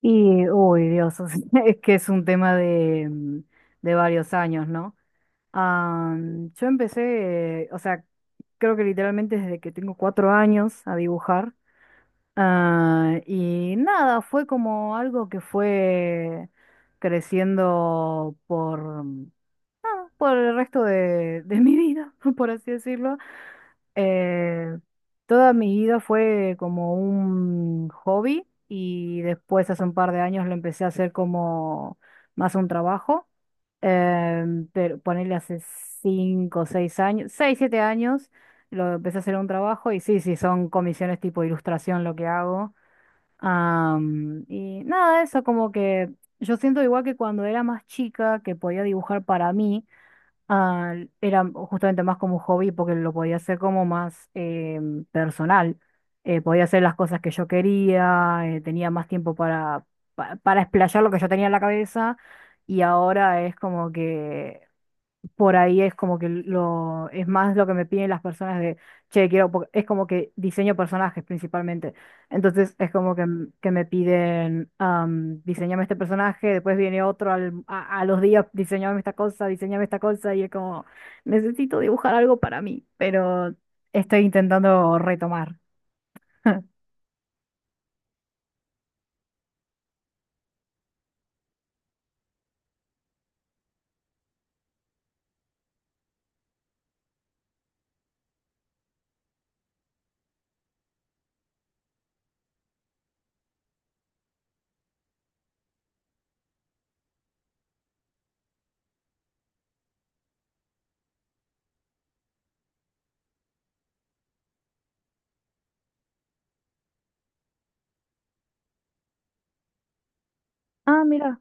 Y, uy, Dios, o sea, es que es un tema de varios años, ¿no? Yo empecé, o sea, creo que literalmente desde que tengo 4 años a dibujar. Ah, y nada, fue como algo que fue creciendo por el resto de mi vida, por así decirlo. Eh, Toda mi vida fue como un hobby y después hace un par de años lo empecé a hacer como más un trabajo. Pero ponerle hace cinco, o seis años, seis, siete años, lo empecé a hacer un trabajo y sí, sí, son comisiones tipo ilustración lo que hago. Y nada, eso como que yo siento igual que cuando era más chica que podía dibujar para mí. Ah, era justamente más como un hobby porque lo podía hacer como más personal. Podía hacer las cosas que yo quería, tenía más tiempo para explayar lo que yo tenía en la cabeza y ahora es como que por ahí es como que lo es más lo que me piden las personas de, che, quiero, es como que diseño personajes principalmente. Entonces es como que me piden, diseñame este personaje, después viene otro a los días, diseñame esta cosa, y es como, necesito dibujar algo para mí, pero estoy intentando retomar. Ah, mira.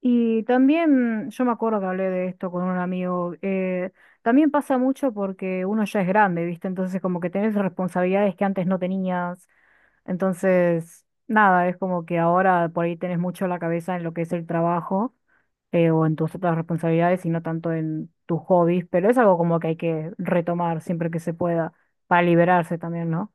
Y también, yo me acuerdo que hablé de esto con un amigo. También pasa mucho porque uno ya es grande, ¿viste? Entonces como que tenés responsabilidades que antes no tenías. Entonces, nada, es como que ahora por ahí tenés mucho la cabeza en lo que es el trabajo, o en tus otras responsabilidades y no tanto en tus hobbies, pero es algo como que hay que retomar siempre que se pueda para liberarse también, ¿no?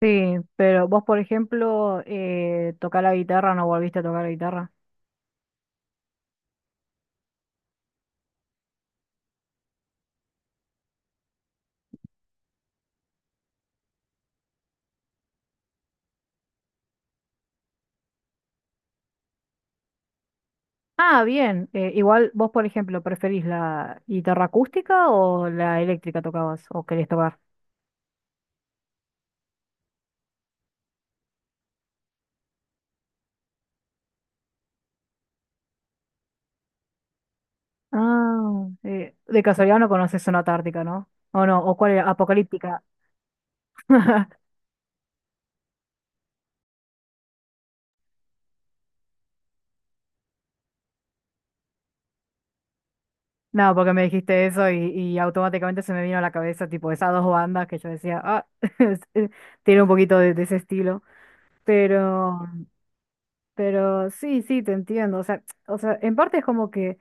Sí, pero vos, por ejemplo, tocar la guitarra, ¿no volviste a tocar la guitarra? Ah, bien. Igual vos, por ejemplo, ¿preferís la guitarra acústica o la eléctrica tocabas o querés tocar? De casualidad no conoces Sonata Ártica, ¿no? O no, o cuál era, Apocalíptica. No, porque me dijiste eso y automáticamente se me vino a la cabeza, tipo, esas dos bandas que yo decía, ah, es- eh, tiene un poquito de ese estilo. Pero, pero sí, sí, te entiendo. O sea, en parte es como que.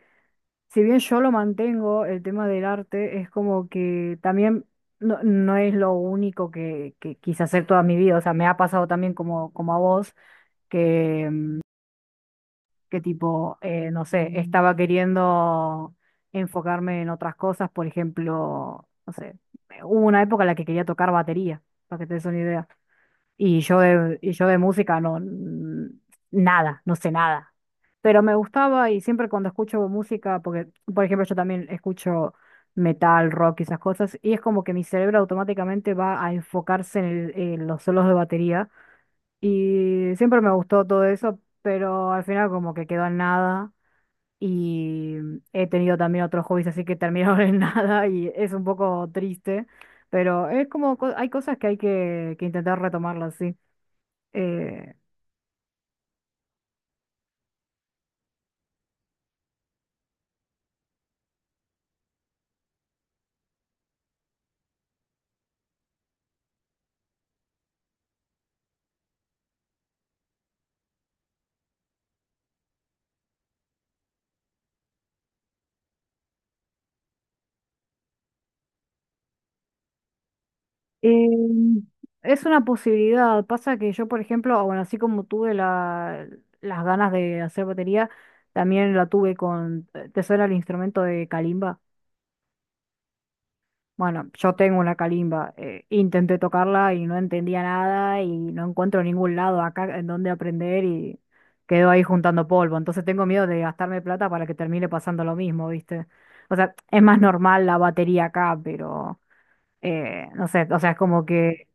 Si bien yo lo mantengo, el tema del arte es como que también no, no es lo único que quise hacer toda mi vida. O sea, me ha pasado también como a vos, que, mm, que tipo, no sé, estaba queriendo enfocarme en otras cosas. Por ejemplo, no sé, hubo una época en la que quería tocar batería, para que te des una idea. Y yo de música nada, no sé nada. Pero me gustaba y siempre cuando escucho música, porque por ejemplo yo también escucho metal, rock y esas cosas, y es como que mi cerebro automáticamente va a enfocarse en los solos de batería. Y siempre me gustó todo eso, pero al final como que quedó en nada. Y he tenido también otros hobbies así que terminaron en nada y es un poco triste, pero es como hay cosas que hay que intentar retomarlas, sí. Eh, eh, es una posibilidad. Pasa que yo, por ejemplo, ah, bueno, así como tuve las ganas de hacer batería, también la tuve ¿te suena el instrumento de calimba? Bueno, yo tengo una calimba. Intenté tocarla y no entendía nada y no encuentro ningún lado acá en donde aprender y quedo ahí juntando polvo. Entonces tengo miedo de gastarme plata para que termine pasando lo mismo, ¿viste? O sea, es más normal la batería acá, pero no sé, o sea, es como que.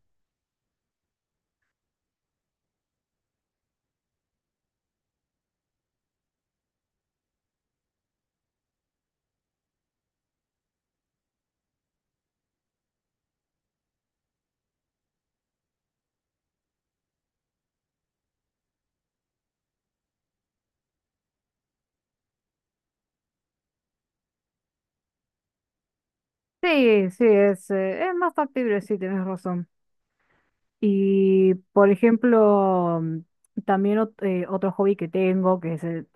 Sí, sí, es más factible, sí, tienes razón. Y, por ejemplo, también otro hobby que tengo, que es,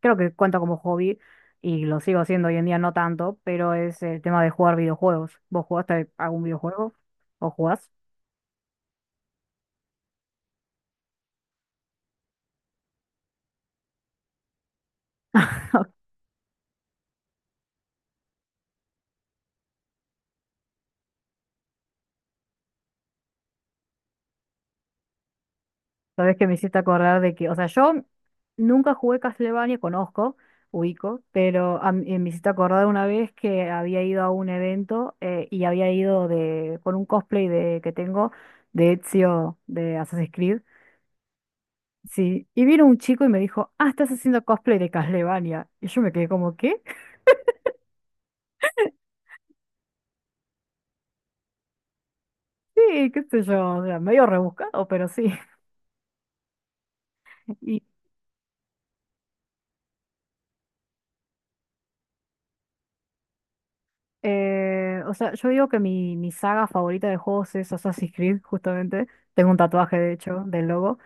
creo que cuenta como hobby, y lo sigo haciendo hoy en día no tanto, pero es el tema de jugar videojuegos. ¿Vos jugaste algún videojuego? ¿O jugás? Sabes que me hiciste acordar de que, o sea, yo nunca jugué Castlevania, conozco, ubico, pero me hiciste acordar una vez que había ido a un evento, y había ido con un cosplay de, que tengo de Ezio de Assassin's Creed. Sí, y vino un chico y me dijo, ah, estás haciendo cosplay de Castlevania. Y yo me quedé como, ¿qué? Sí, qué sé yo, o sea, medio rebuscado, pero sí. Y, o sea, yo digo que mi saga favorita de juegos es Assassin's Creed, justamente. Tengo un tatuaje, de hecho, del logo.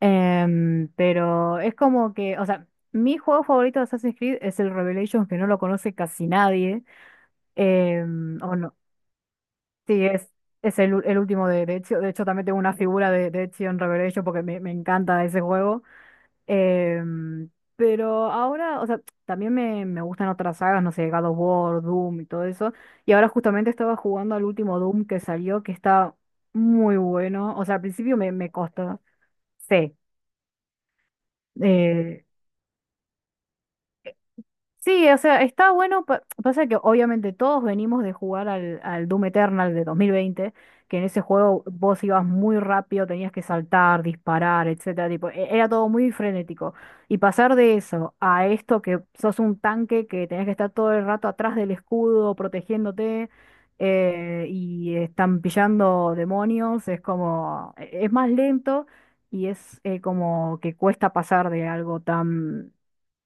Pero es como que, o sea, mi juego favorito de Assassin's Creed es el Revelations, que no lo conoce casi nadie. O no, sí, es el último de Ezio. De hecho, también tengo una figura de Ezio en Revelations porque me encanta ese juego. Em, pero ahora, o sea, también me gustan otras sagas, no sé, God of War, Doom y todo eso. Y ahora justamente estaba jugando al último Doom que salió, que está muy bueno. O sea, al principio me costó. Sí, eh, sí, o sea, está bueno. Pasa que obviamente todos venimos de jugar al Doom Eternal de 2020, que en ese juego vos ibas muy rápido, tenías que saltar, disparar, etcétera. Tipo, era todo muy frenético. Y pasar de eso a esto que sos un tanque que tenés que estar todo el rato atrás del escudo, protegiéndote, y están pillando demonios, es como, es más lento y es como que cuesta pasar de algo tan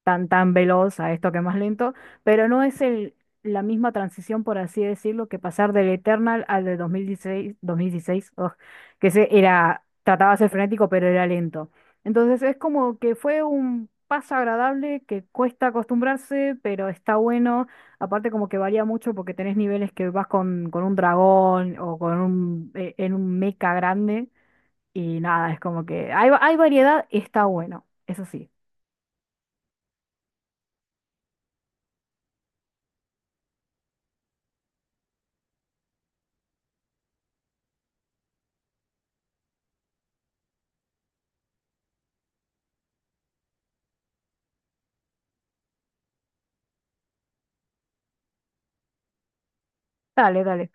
tan, tan, veloz a esto que es más lento, pero no es la misma transición, por así decirlo, que pasar del Eternal al de 2016, 2016, ugh, que se era, trataba de ser frenético, pero era lento. Entonces es como que fue un paso agradable que cuesta acostumbrarse, pero está bueno. Aparte como que varía mucho porque tenés niveles que vas con un dragón o en un mecha grande. Y nada, es como que hay variedad y está bueno, eso sí. Dale, dale.